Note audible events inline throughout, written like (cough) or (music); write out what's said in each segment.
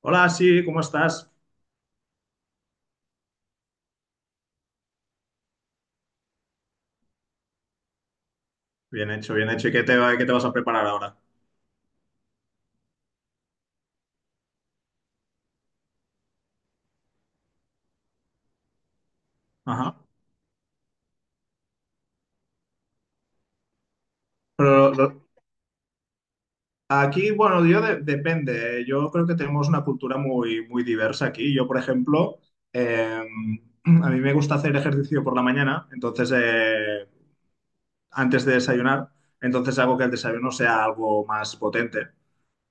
Hola, sí, ¿cómo estás? Bien hecho, bien hecho. ¿Y qué te vas a preparar ahora? Ajá. Pero lo- Aquí, bueno, depende. Yo creo que tenemos una cultura muy, muy diversa aquí. Yo, por ejemplo, eh, (clears throat) a mí me gusta hacer ejercicio por la mañana, entonces antes de desayunar, entonces hago que el desayuno sea algo más potente.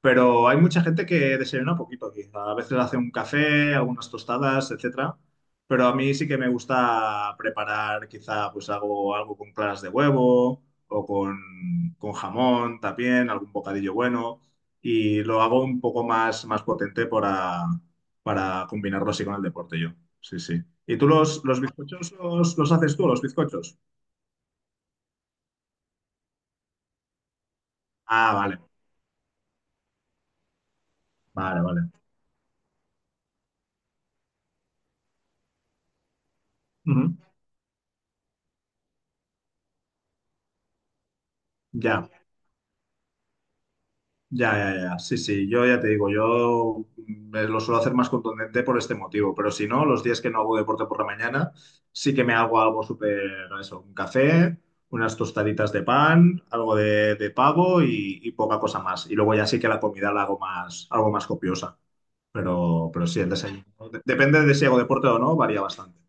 Pero hay mucha gente que desayuna poquito aquí. A veces hace un café, algunas tostadas, etcétera. Pero a mí sí que me gusta preparar quizá pues algo, algo con claras de huevo o con jamón también, algún bocadillo bueno. Y lo hago un poco más, más potente para combinarlo así con el deporte yo. Sí, sí. ¿Y tú los bizcochos los haces tú, los bizcochos? Ah, vale, vale, vale. Ujú. Ya. Ya, ya, ya. Sí, sí, yo ya te digo, yo me lo suelo hacer más contundente por este motivo, pero si no, los días que no hago deporte por la mañana, sí que me hago algo súper, eso, un café, unas tostaditas de pan, algo de pavo y poca cosa más. Y luego ya sí que la comida la hago más, algo más copiosa, pero sí, el desayuno. Depende de si hago deporte o no, varía bastante.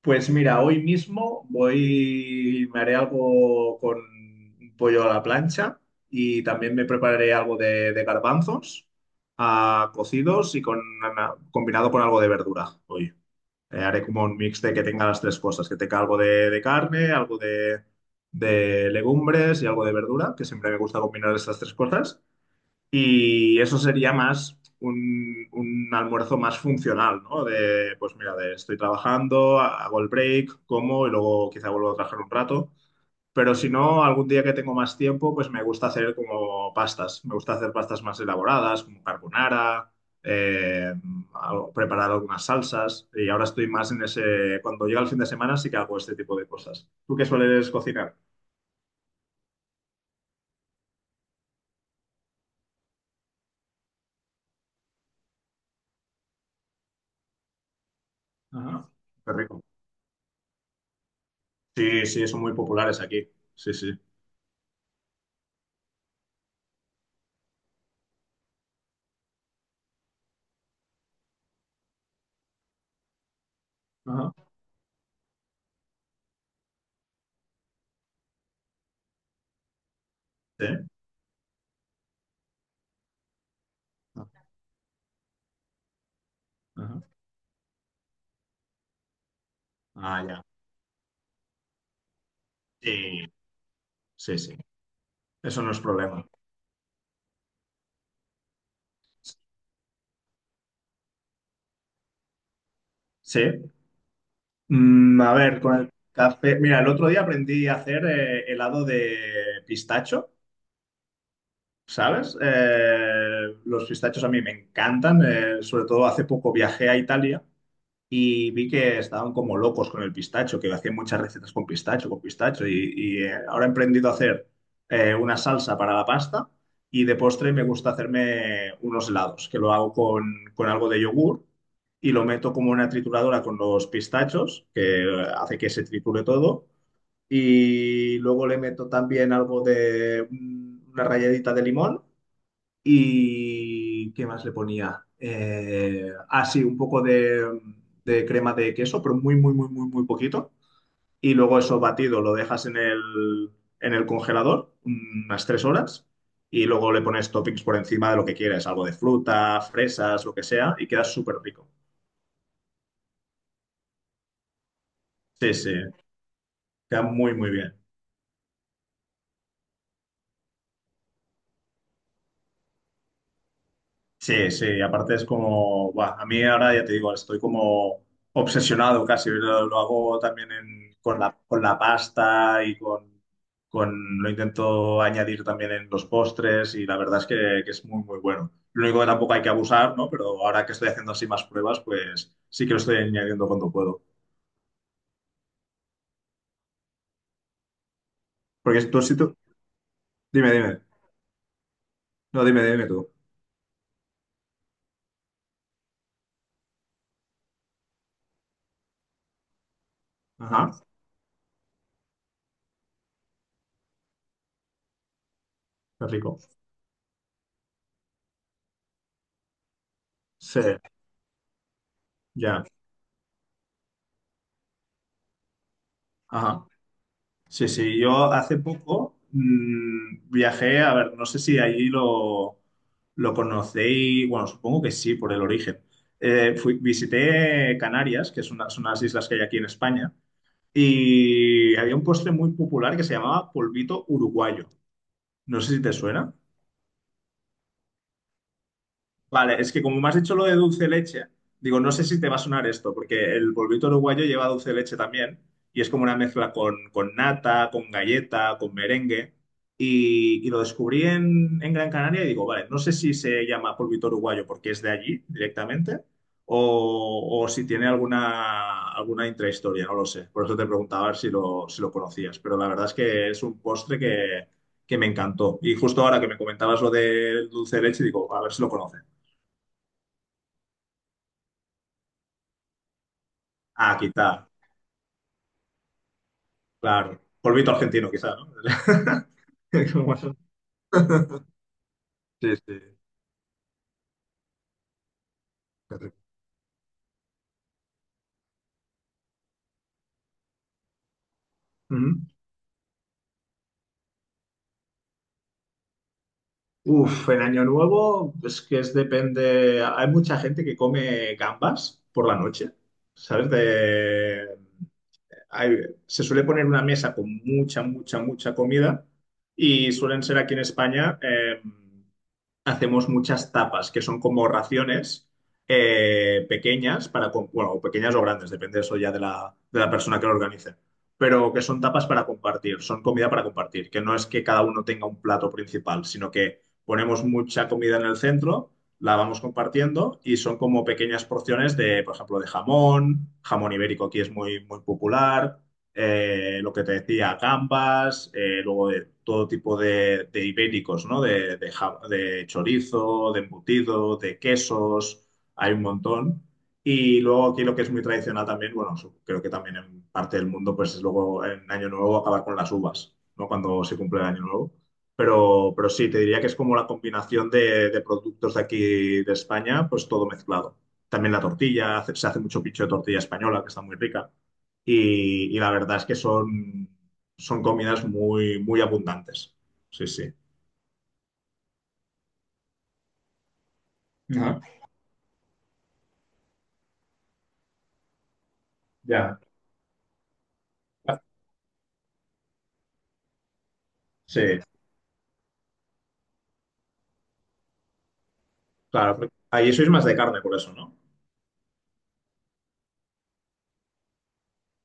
Pues mira, hoy mismo voy, me haré algo con un pollo a la plancha y también me prepararé algo de garbanzos ah, cocidos y con, combinado con algo de verdura hoy. Haré como un mix de que tenga las tres cosas, que tenga algo de carne, algo de legumbres y algo de verdura, que siempre me gusta combinar estas tres cosas. Y eso sería más un almuerzo más funcional, ¿no? De, pues mira, de estoy trabajando, hago el break, como y luego quizá vuelvo a trabajar un rato. Pero si no, algún día que tengo más tiempo, pues me gusta hacer como pastas. Me gusta hacer pastas más elaboradas, como carbonara, eh, preparar algunas salsas. Y ahora estoy más en ese... Cuando llega el fin de semana sí que hago este tipo de cosas. ¿Tú qué sueles cocinar? Ajá. Qué rico. Sí, sí, son muy populares aquí. Sí, sí. Ajá. Sí. Ah, ajá. Ah, ya. Sí, sí, sí. Eso no es problema. Sí. Mm, a ver, con el café. Mira, el otro día aprendí a hacer helado de pistacho, ¿sabes? Los pistachos a mí me encantan. Sobre todo hace poco viajé a Italia y vi que estaban como locos con el pistacho, que hacían muchas recetas con pistacho, y, ahora he emprendido a hacer una salsa para la pasta y de postre me gusta hacerme unos helados, que lo hago con algo de yogur y lo meto como una trituradora con los pistachos, que hace que se triture todo, y luego le meto también algo de mm, una ralladita de limón. ¿Y qué más le ponía? Ah, sí un poco de crema de queso, pero muy, muy, muy, muy, muy poquito. Y luego eso batido lo dejas en el congelador unas tres horas y luego le pones toppings por encima de lo que quieres, algo de fruta, fresas, lo que sea, y queda súper rico. Sí, sí, queda muy, muy bien. Sí, sí, aparte es como, buah, a mí ahora ya te digo, estoy como obsesionado casi, lo hago también con la pasta y con, lo intento añadir también en los postres y la verdad es que es muy, muy bueno. Lo único que tampoco hay que abusar, ¿no? Pero ahora que estoy haciendo así más pruebas, pues sí que lo estoy añadiendo cuando puedo. Porque tú sí tú... Dime, dime. No, dime, dime tú. Ajá, qué rico. Sí, ya. Ajá. Sí, sí, yo hace poco mm, viajé, a ver, no sé si allí lo conocéis, bueno, supongo que sí, por el origen. Fui, visité Canarias, que son unas islas que hay aquí en España, y había un postre muy popular que se llamaba polvito uruguayo. No sé si te suena. Vale, es que como me has dicho lo de dulce de leche, digo, no sé si te va a sonar esto, porque el polvito uruguayo lleva dulce de leche también, y es como una mezcla con nata, con galleta, con merengue, y lo descubrí en Gran Canaria y digo, vale, no sé si se llama polvito uruguayo porque es de allí directamente, o si tiene alguna, alguna intrahistoria, no lo sé. Por eso te preguntaba a ver si lo, si lo conocías, pero la verdad es que es un postre que me encantó. Y justo ahora que me comentabas lo del dulce de leche, digo, a ver si lo conoces. Ah, quizá, claro. Polvito argentino, quizá, ¿no? (laughs) Como eso. Sí, sí. Fíjate. Ujú. Uf, el Año Nuevo, pues que es depende. Hay mucha gente que come gambas por la noche, ¿sabes? De, hay- se suele poner una mesa con mucha, mucha, mucha comida y suelen ser aquí en España, hacemos muchas tapas, que son como raciones pequeñas, para, bueno, o pequeñas o grandes, depende eso ya de la persona que lo organice, pero que son tapas para compartir, son comida para compartir, que no es que cada uno tenga un plato principal, sino que ponemos mucha comida en el centro la vamos compartiendo y son como pequeñas porciones de, por ejemplo, de jamón, jamón ibérico aquí es muy, muy popular, lo que te decía, gambas, luego de todo tipo de ibéricos, ¿no? De, de chorizo, de embutido, de quesos, hay un montón. Y luego aquí lo que es muy tradicional también, bueno, creo que también en parte del mundo, pues es luego en Año Nuevo acabar con las uvas, ¿no? Cuando se cumple el Año Nuevo. Pero sí, te diría que es como la combinación de productos de aquí de España, pues todo mezclado. También la tortilla, se hace mucho pincho de tortilla española, que está muy rica. Y la verdad es que son, son comidas muy, muy abundantes. Sí, sí. Ah, ya. Sí, claro. Ahí sois más de carne por eso, ¿no?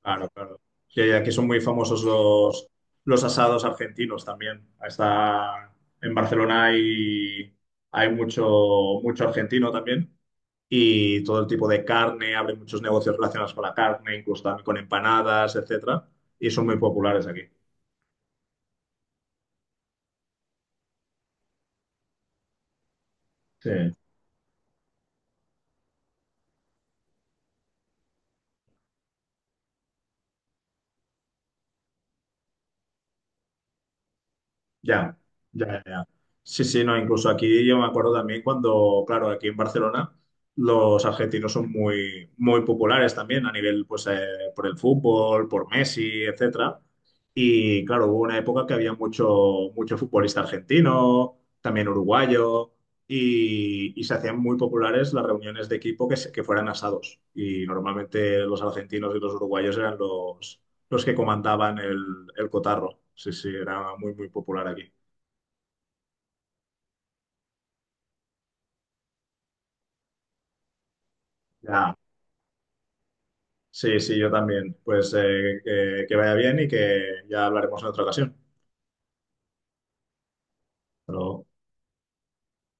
Claro, claro. Que aquí son muy famosos los asados argentinos también. Está en Barcelona hay, hay mucho, mucho argentino también y todo el tipo de carne, abre muchos negocios relacionados con la carne, incluso también con empanadas, etcétera, y son muy populares aquí. Sí. Ya, ya, ya. Sí, sí, no, incluso aquí yo me acuerdo también cuando, claro, aquí en Barcelona los argentinos son muy, muy populares también a nivel, pues, por el fútbol, por Messi, etcétera. Y claro, hubo una época que había mucho, mucho futbolista argentino, también uruguayo, y se hacían muy populares las reuniones de equipo que, que fueran asados. Y normalmente los argentinos y los uruguayos eran los que comandaban el cotarro. Sí, sí, era muy, muy popular aquí. Ya. Sí, sí, yo también. Pues que vaya bien y que ya hablaremos en otra ocasión. Pero...